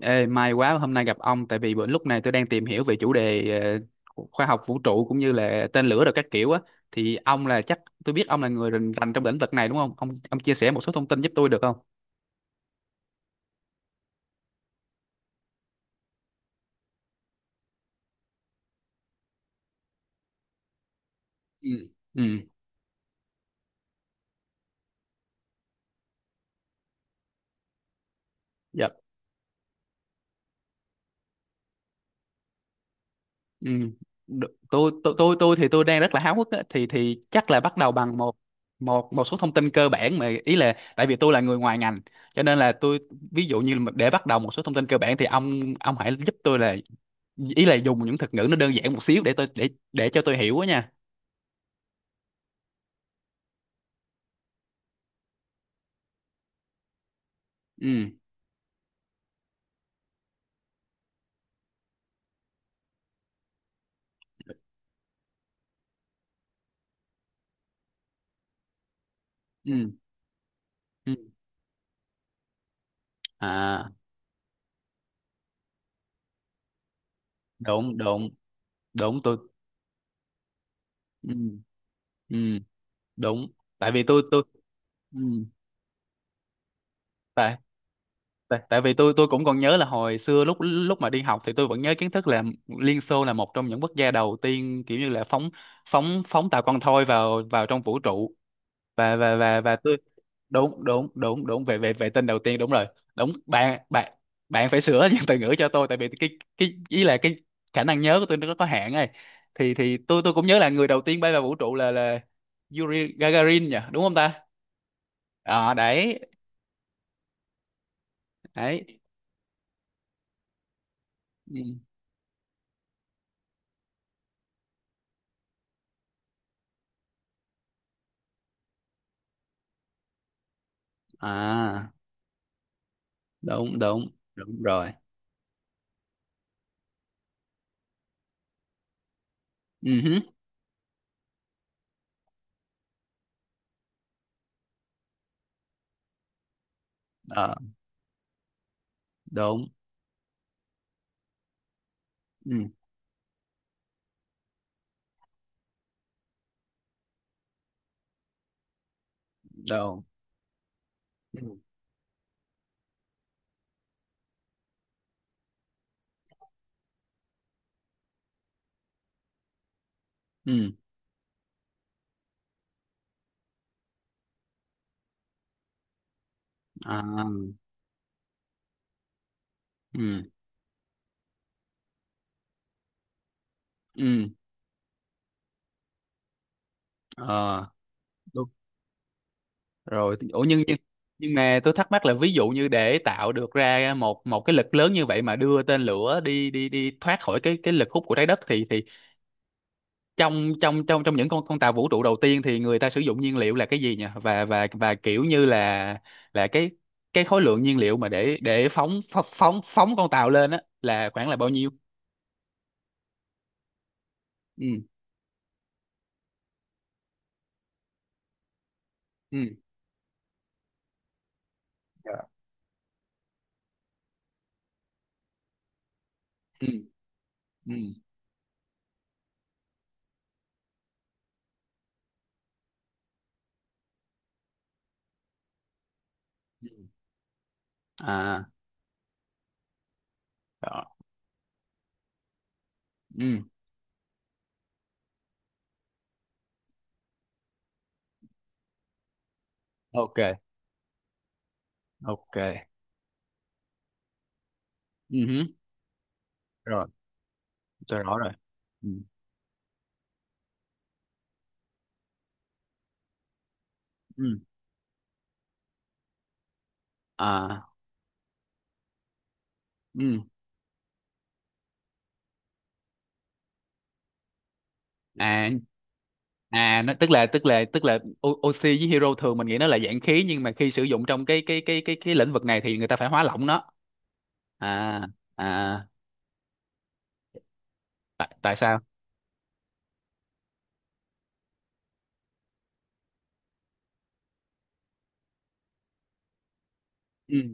Ê, may quá hôm nay gặp ông tại vì bữa lúc này tôi đang tìm hiểu về chủ đề khoa học vũ trụ cũng như là tên lửa rồi các kiểu á. Thì ông là chắc Tôi biết ông là người rành rành trong lĩnh vực này, đúng không? Ông chia sẻ một số thông tin giúp tôi được không? Ừ. Ừ. Dạ. Ừ. Được. Tôi thì tôi đang rất là háo hức á, thì chắc là bắt đầu bằng một một một số thông tin cơ bản. Mà ý là tại vì tôi là người ngoài ngành cho nên là tôi, ví dụ như mà để bắt đầu một số thông tin cơ bản, thì ông hãy giúp tôi là, ý là dùng những thuật ngữ nó đơn giản một xíu để cho tôi hiểu á nha. Ừ, ừ, ừ. À, đúng, đúng, đúng. Tôi. Ừ, ừ. Đúng. Tại vì tôi tôi ừ tại tại tại vì tôi cũng còn nhớ là hồi xưa lúc lúc mà đi học thì tôi vẫn nhớ kiến thức là Liên Xô là một trong những quốc gia đầu tiên, kiểu như là phóng, phóng tàu con thoi vào vào trong vũ trụ. Và tôi. Đúng, đúng, đúng, đúng, về về về tên đầu tiên, đúng rồi. Đúng, bạn bạn bạn phải sửa những từ ngữ cho tôi tại vì cái, ý là cái khả năng nhớ của tôi nó có hạn ấy. Thì tôi cũng nhớ là người đầu tiên bay vào vũ trụ là Yuri Gagarin nhỉ, đúng không ta? Ờ, đấy. Đấy. Ừ. À, đúng, đúng, đúng rồi. Ừ hứ. Ờ, đúng. Ừ. Đúng. Ừ. Ừ. À. Ừ. Ừ. ờ, Đúng rồi. Ủa, nhưng, nhưng mà tôi thắc mắc là ví dụ như để tạo được ra một một cái lực lớn như vậy mà đưa tên lửa đi đi đi thoát khỏi cái lực hút của trái đất thì trong trong trong trong những con tàu vũ trụ đầu tiên thì người ta sử dụng nhiên liệu là cái gì nhỉ? Và kiểu như là cái khối lượng nhiên liệu mà để phóng phóng phóng phóng con tàu lên á là khoảng là bao nhiêu? Ừ. Ừ. Dạ. Ừ. Ừ. Ừ. À. Đó. Ừ. Ok, ok. Ừ hứ. Rồi, tôi rõ rồi. Ừ. Ừ. À. Ừ. À. À, nó tức là, tức là O- oxy với hero thường mình nghĩ nó là dạng khí, nhưng mà khi sử dụng trong cái lĩnh vực này thì người ta phải hóa lỏng nó. À. À. Tại, tại sao? Ừ.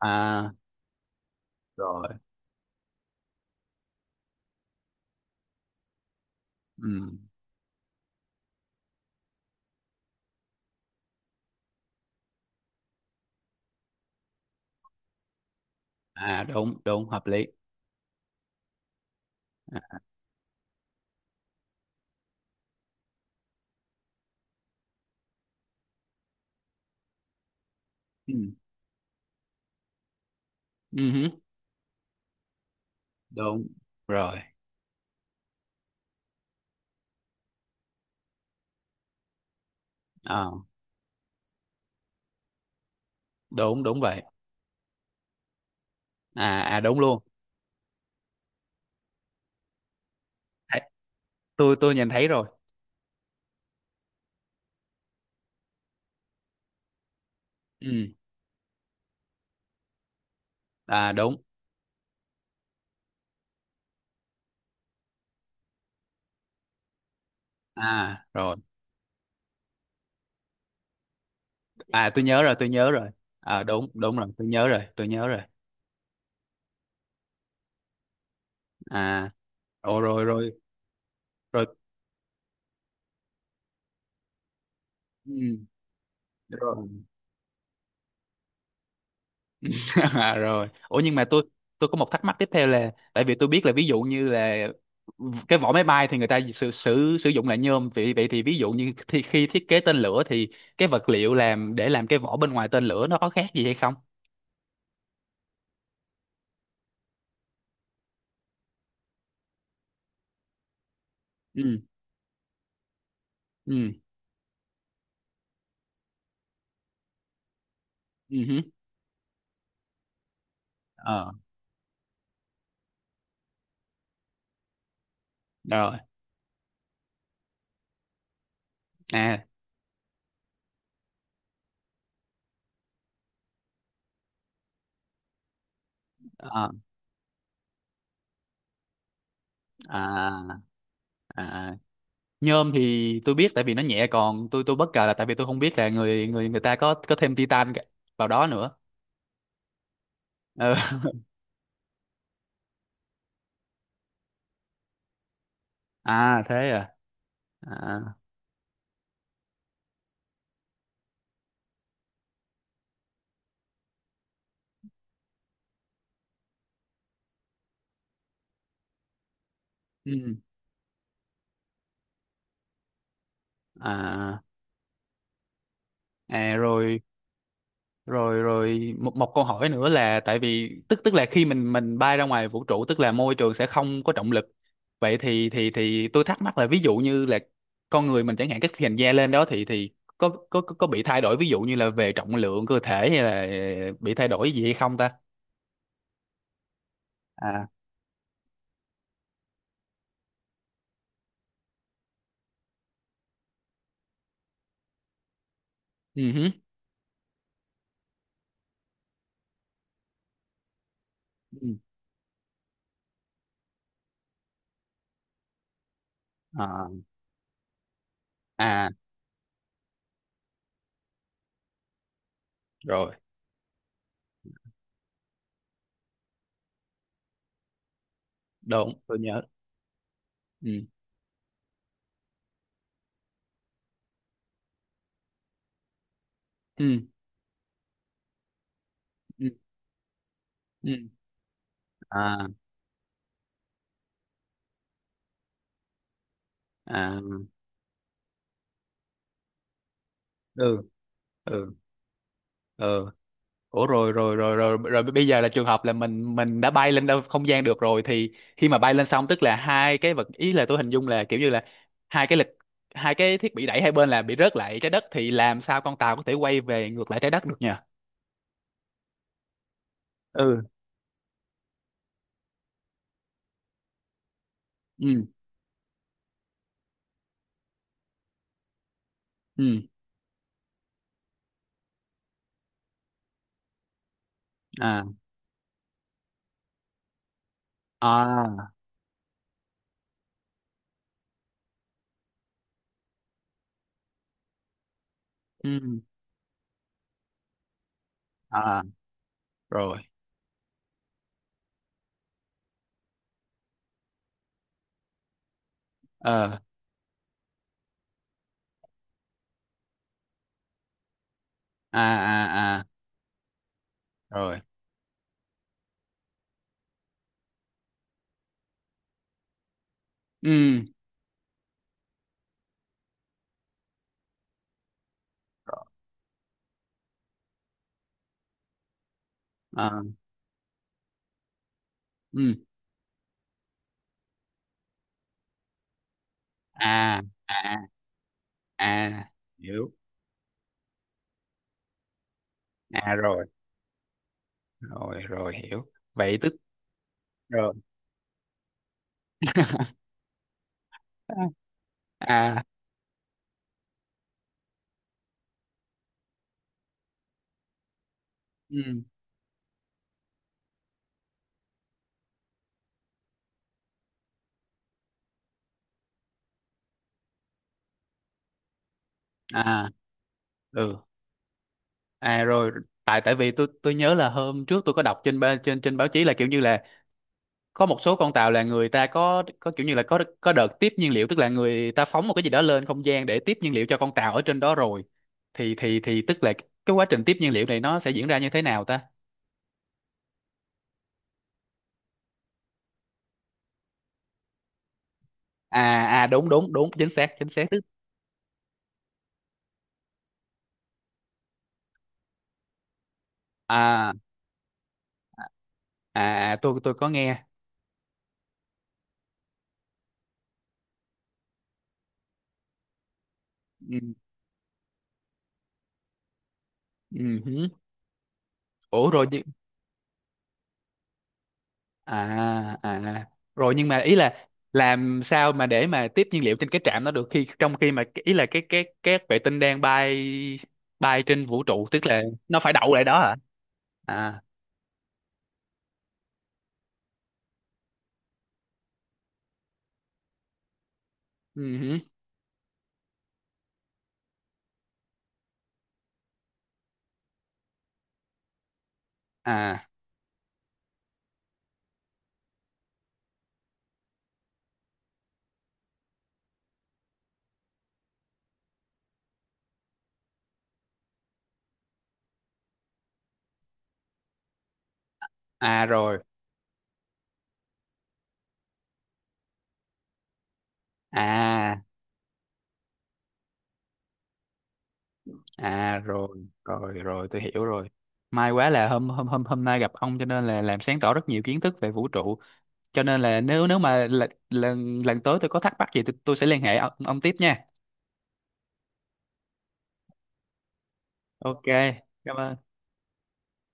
À, rồi. Ừ. À, đúng, đúng, hợp lý. À. Ừ. Ừ hứ. Đúng rồi. À, đúng, đúng vậy. À, à, đúng luôn. Thấy-, tôi nhìn thấy rồi. Ừ. À, đúng. À, rồi. À, tôi nhớ rồi, tôi nhớ rồi. À, đúng, đúng rồi, tôi nhớ rồi, tôi nhớ rồi. À. Ồ, rồi, rồi, rồi. Ừ, rồi. À, rồi, ủa nhưng mà tôi có một thắc mắc tiếp theo là tại vì tôi biết là ví dụ như là cái vỏ máy bay thì người ta sử sử sử dụng là nhôm. Vậy, vậy thì ví dụ như thì khi thiết kế tên lửa thì cái vật liệu làm để làm cái vỏ bên ngoài tên lửa nó có khác gì hay không? Ừ. Ừ. Ừ hứ. Ờ, rồi. À. À, à. À. Nhôm thì tôi biết tại vì nó nhẹ, còn tôi bất ngờ là tại vì tôi không biết là người người người ta có thêm titan cả- vào đó nữa. Ừ. À, thế à. À. Ừ. À, à rồi, rồi, rồi, một một câu hỏi nữa là tại vì tức, tức là khi mình bay ra ngoài vũ trụ tức là môi trường sẽ không có trọng lực. Vậy thì, thì tôi thắc mắc là ví dụ như là con người mình chẳng hạn cái hình da lên đó thì có bị thay đổi ví dụ như là về trọng lượng cơ thể hay là bị thay đổi gì hay không ta? À. Ừ hứ. Ừ. À, à rồi. Đúng, tôi nhớ. Ừ. Ừ. Ừ. Ừ. À, à. Ừ. Ừ. Ừ. Ủa, rồi, rồi, rồi, rồi, rồi, bây giờ là trường hợp là mình đã bay lên đâu không gian được rồi thì khi mà bay lên xong tức là hai cái vật, ý là tôi hình dung là kiểu như là hai cái lực, hai cái thiết bị đẩy hai bên là bị rớt lại trái đất, thì làm sao con tàu có thể quay về ngược lại trái đất được nhỉ? Ừ. Ừ. Ừ. À, à. Ừ. À, rồi. Ờ. À. À. À, rồi. Ừ. À. Ừ. À. À. À, hiểu. À, rồi, rồi, rồi, hiểu. Vậy tức. Rồi. À. À. Ừ. À. Ừ. À, rồi, tại, tại vì tôi nhớ là hôm trước tôi có đọc trên ba-, trên, trên báo chí là kiểu như là có một số con tàu là người ta có kiểu như là có đợt tiếp nhiên liệu tức là người ta phóng một cái gì đó lên không gian để tiếp nhiên liệu cho con tàu ở trên đó rồi, thì tức là cái quá trình tiếp nhiên liệu này nó sẽ diễn ra như thế nào ta? À, à, đúng, đúng, đúng, chính xác, chính xác. À, à, à, tôi có nghe. Ừ, ừ hứ. Ủa, rồi nhưng. À. À, à. Rồi, nhưng mà ý là làm sao mà để mà tiếp nhiên liệu trên cái trạm đó được, khi trong khi mà ý là cái vệ tinh đang bay, bay trên vũ trụ, tức là nó phải đậu lại đó hả? À. Ừ hứ. À. À, rồi. À. À, rồi, rồi, rồi, tôi hiểu rồi. May quá là hôm hôm hôm hôm nay gặp ông cho nên là làm sáng tỏ rất nhiều kiến thức về vũ trụ, cho nên là nếu, mà lần lần lần tới tôi có thắc mắc gì, tôi sẽ liên hệ ông, tiếp nha. Ok, cảm ơn.